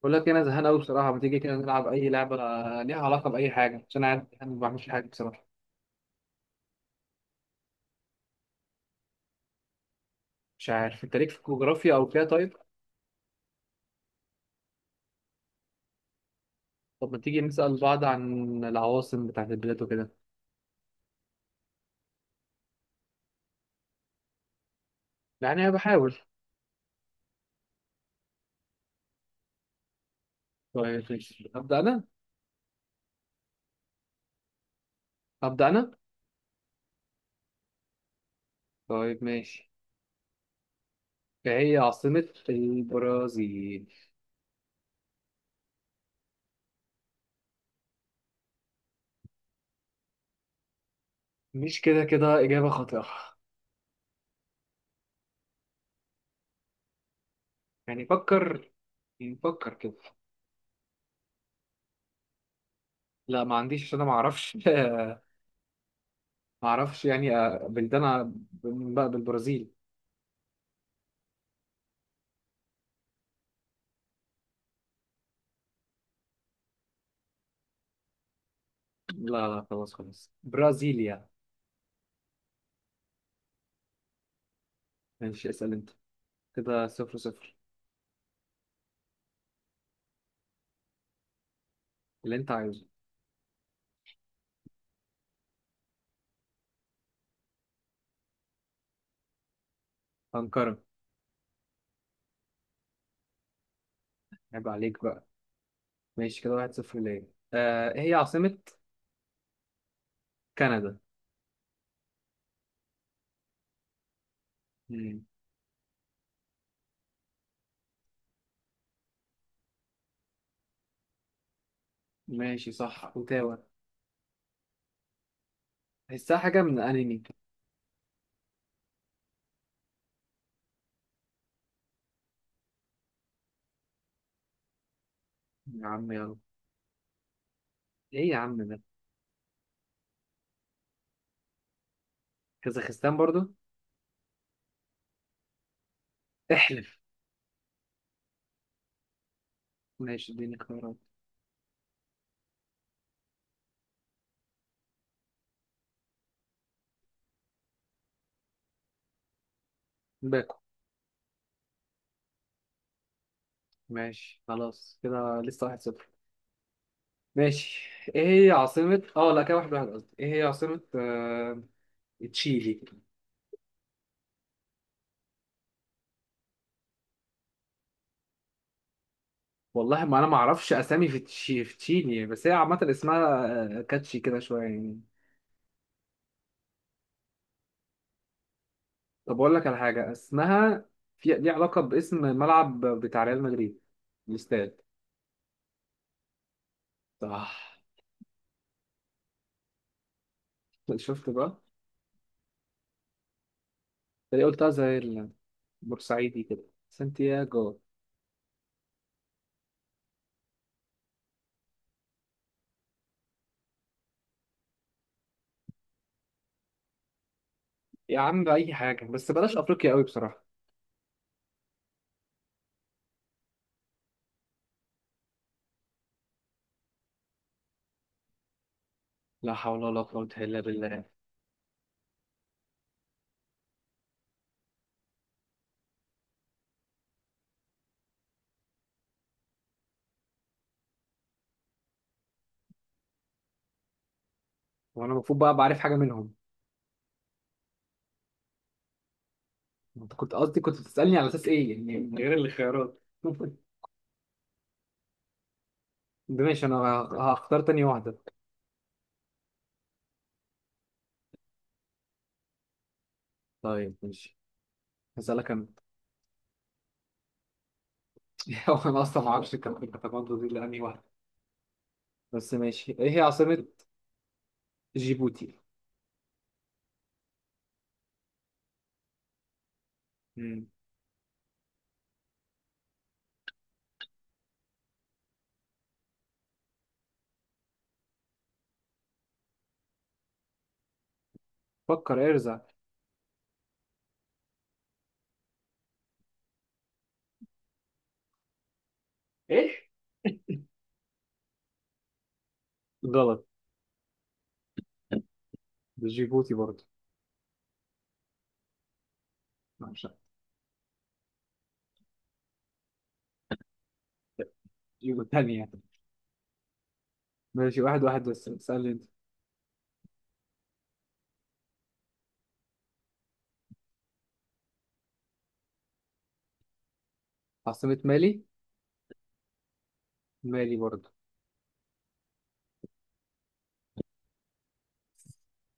بقول لك إيه، انا زهقان قوي بصراحه. ما تيجي كده نلعب اي لعبه ليها علاقه باي حاجه، عشان انا قاعد زهقان ما بعملش حاجه بصراحه. مش عارف انت ليك في الجغرافيا او كده؟ طيب، طب ما تيجي نسال بعض عن العواصم بتاعت البلاد وكده. يعني انا بحاول. طيب ماشي، ابدا انا. طيب ماشي، إيه هي عاصمه البرازيل؟ مش كده كده، اجابه خاطئه. يعني فكر يعني فكر كده. لا ما عنديش عشان انا ما اعرفش. ما اعرفش يعني بلدان بالبرازيل. لا لا خلاص خلاص، برازيليا. ماشي اسأل انت، كده صفر صفر. اللي انت عايزه. أنقرة. عيب عليك بقى. ماشي كده واحد صفر ليا. إيه هي عاصمة كندا؟ مم. ماشي صح اوتاوا. تحسها حاجة من أنمي. يا عم يلا. ايه يا عم ده؟ كازاخستان برضو؟ احلف. ماشي اديني اختيارات. باكو. ماشي خلاص كده لسه واحد صفر. ماشي، ايه هي عاصمة لا كده واحد واحد، قصدي ايه هي عاصمة تشيلي؟ والله ما انا ما اعرفش اسامي في تشيلي، بس هي عامه اسمها كاتشي كده شويه يعني. طب اقول لك على حاجه اسمها، في ليه علاقه باسم الملعب بتاع ريال مدريد، الاستاد. صح. شفت بقى. تلاقي قلتها زي البورسعيدي كده، سانتياغو. يا عم اي حاجه بس بلاش افريقيا قوي بصراحه. لا حول ولا قوه الا بالله. وانا المفروض بقى بعرف حاجه منهم؟ انت كنت قصدي كنت بتسالني على اساس ايه يعني، من غير الخيارات. ده ماشي انا هختار تاني واحده. طيب ماشي، هسألك أنا. هو أنا أصلا ما أعرفش الكاتماندو دي لأنهي واحدة، بس ماشي إيه هي عاصمة جيبوتي؟ مم. فكر ارزع. ايش؟ غلط. ده جيبوتي برضه. لا، مش عارف. جيبوتي تانية. ماشي واحد واحد، بس اسألني أنت. عاصمة مالي؟ مالي برضه.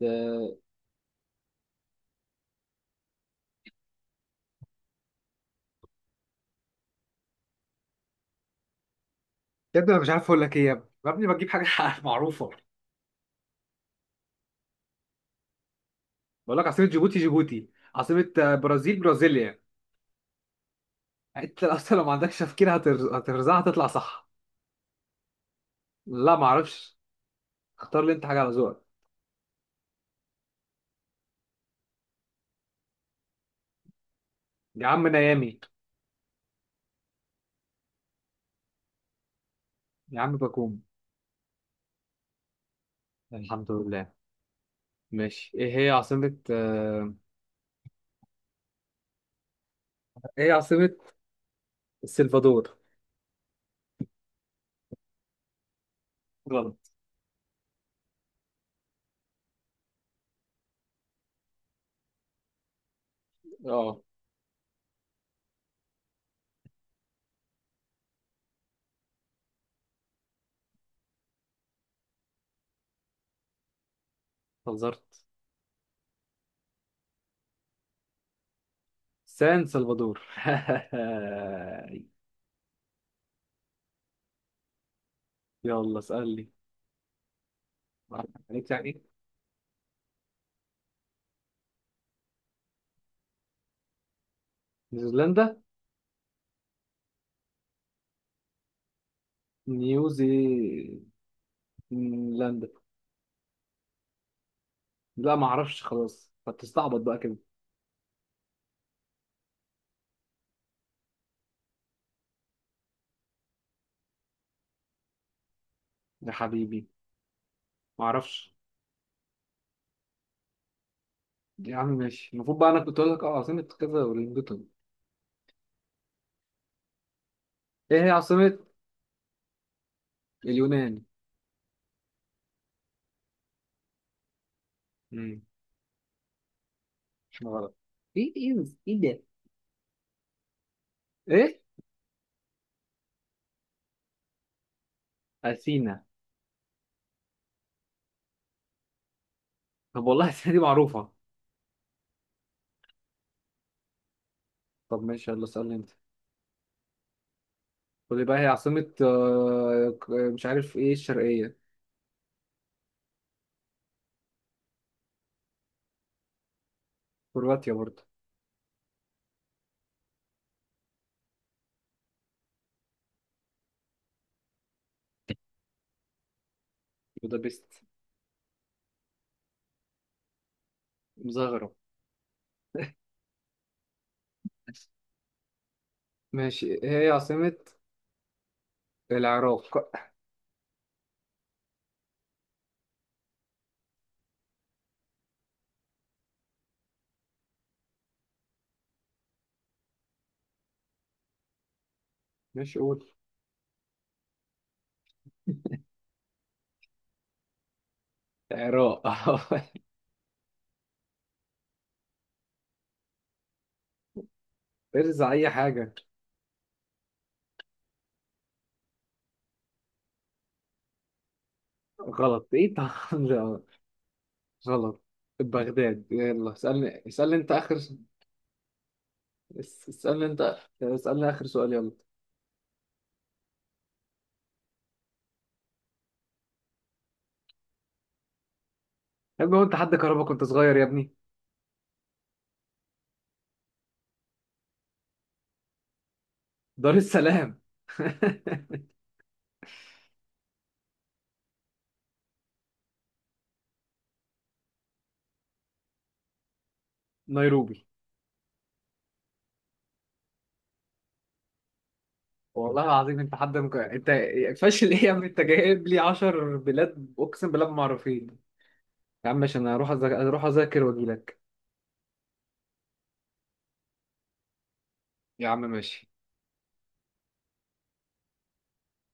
ده-. يا ابني أنا مش عارف أقول لك إيه، يا ابني يا ابني بجيب حاجة معروفة. بقول لك عاصمة جيبوتي جيبوتي، عاصمة برازيل برازيليا. أنت أصلا لو ما عندكش تفكير هترزعها هتطلع صح. لا ما أعرفش. اختار لي أنت حاجة على ذوقك. يا عم نيامي. يا عم باكوم. الحمد لله. ماشي، ايه هي عاصمة السلفادور؟ غلط. اه هزرت. سان سلفادور. يلا اسألني. عليك يعني. نيوزيلندا نيوزيلندا. لا ما اعرفش، خلاص هتستعبط بقى كده. يا حبيبي ما اعرفش. يا عم ماشي، المفروض بقى انا كنت اقول لك عاصمة كذا ولندن. ايه هي عاصمة اليونان؟ امم غلط. ايه ايه ايه ده؟ ايه؟ اثينا. طب والله السنة دي معروفة. طب ماشي يلا اسألني انت. قول لي بقى هي عاصمة مش عارف ايه الشرقية. كرواتيا برضه؟ بودابست. مزغرب. ماشي ايه هي عاصمة العراق؟ ماشي قول. العراق. ارزع اي حاجة. غلط ايه طبعا. غلط. بغداد، يلا اسألني انت اخر، اسألني انت اخر سؤال يلا. يا ابني هو انت حد كهربا كنت صغير يا ابني؟ دار السلام. نيروبي. والله العظيم، انت انت فاشل ايه يا عم؟ انت جايب لي 10 بلاد اقسم بالله ما معروفين. يا عم ماشي انا اروح اذاكر واجي لك. يا عم ماشي.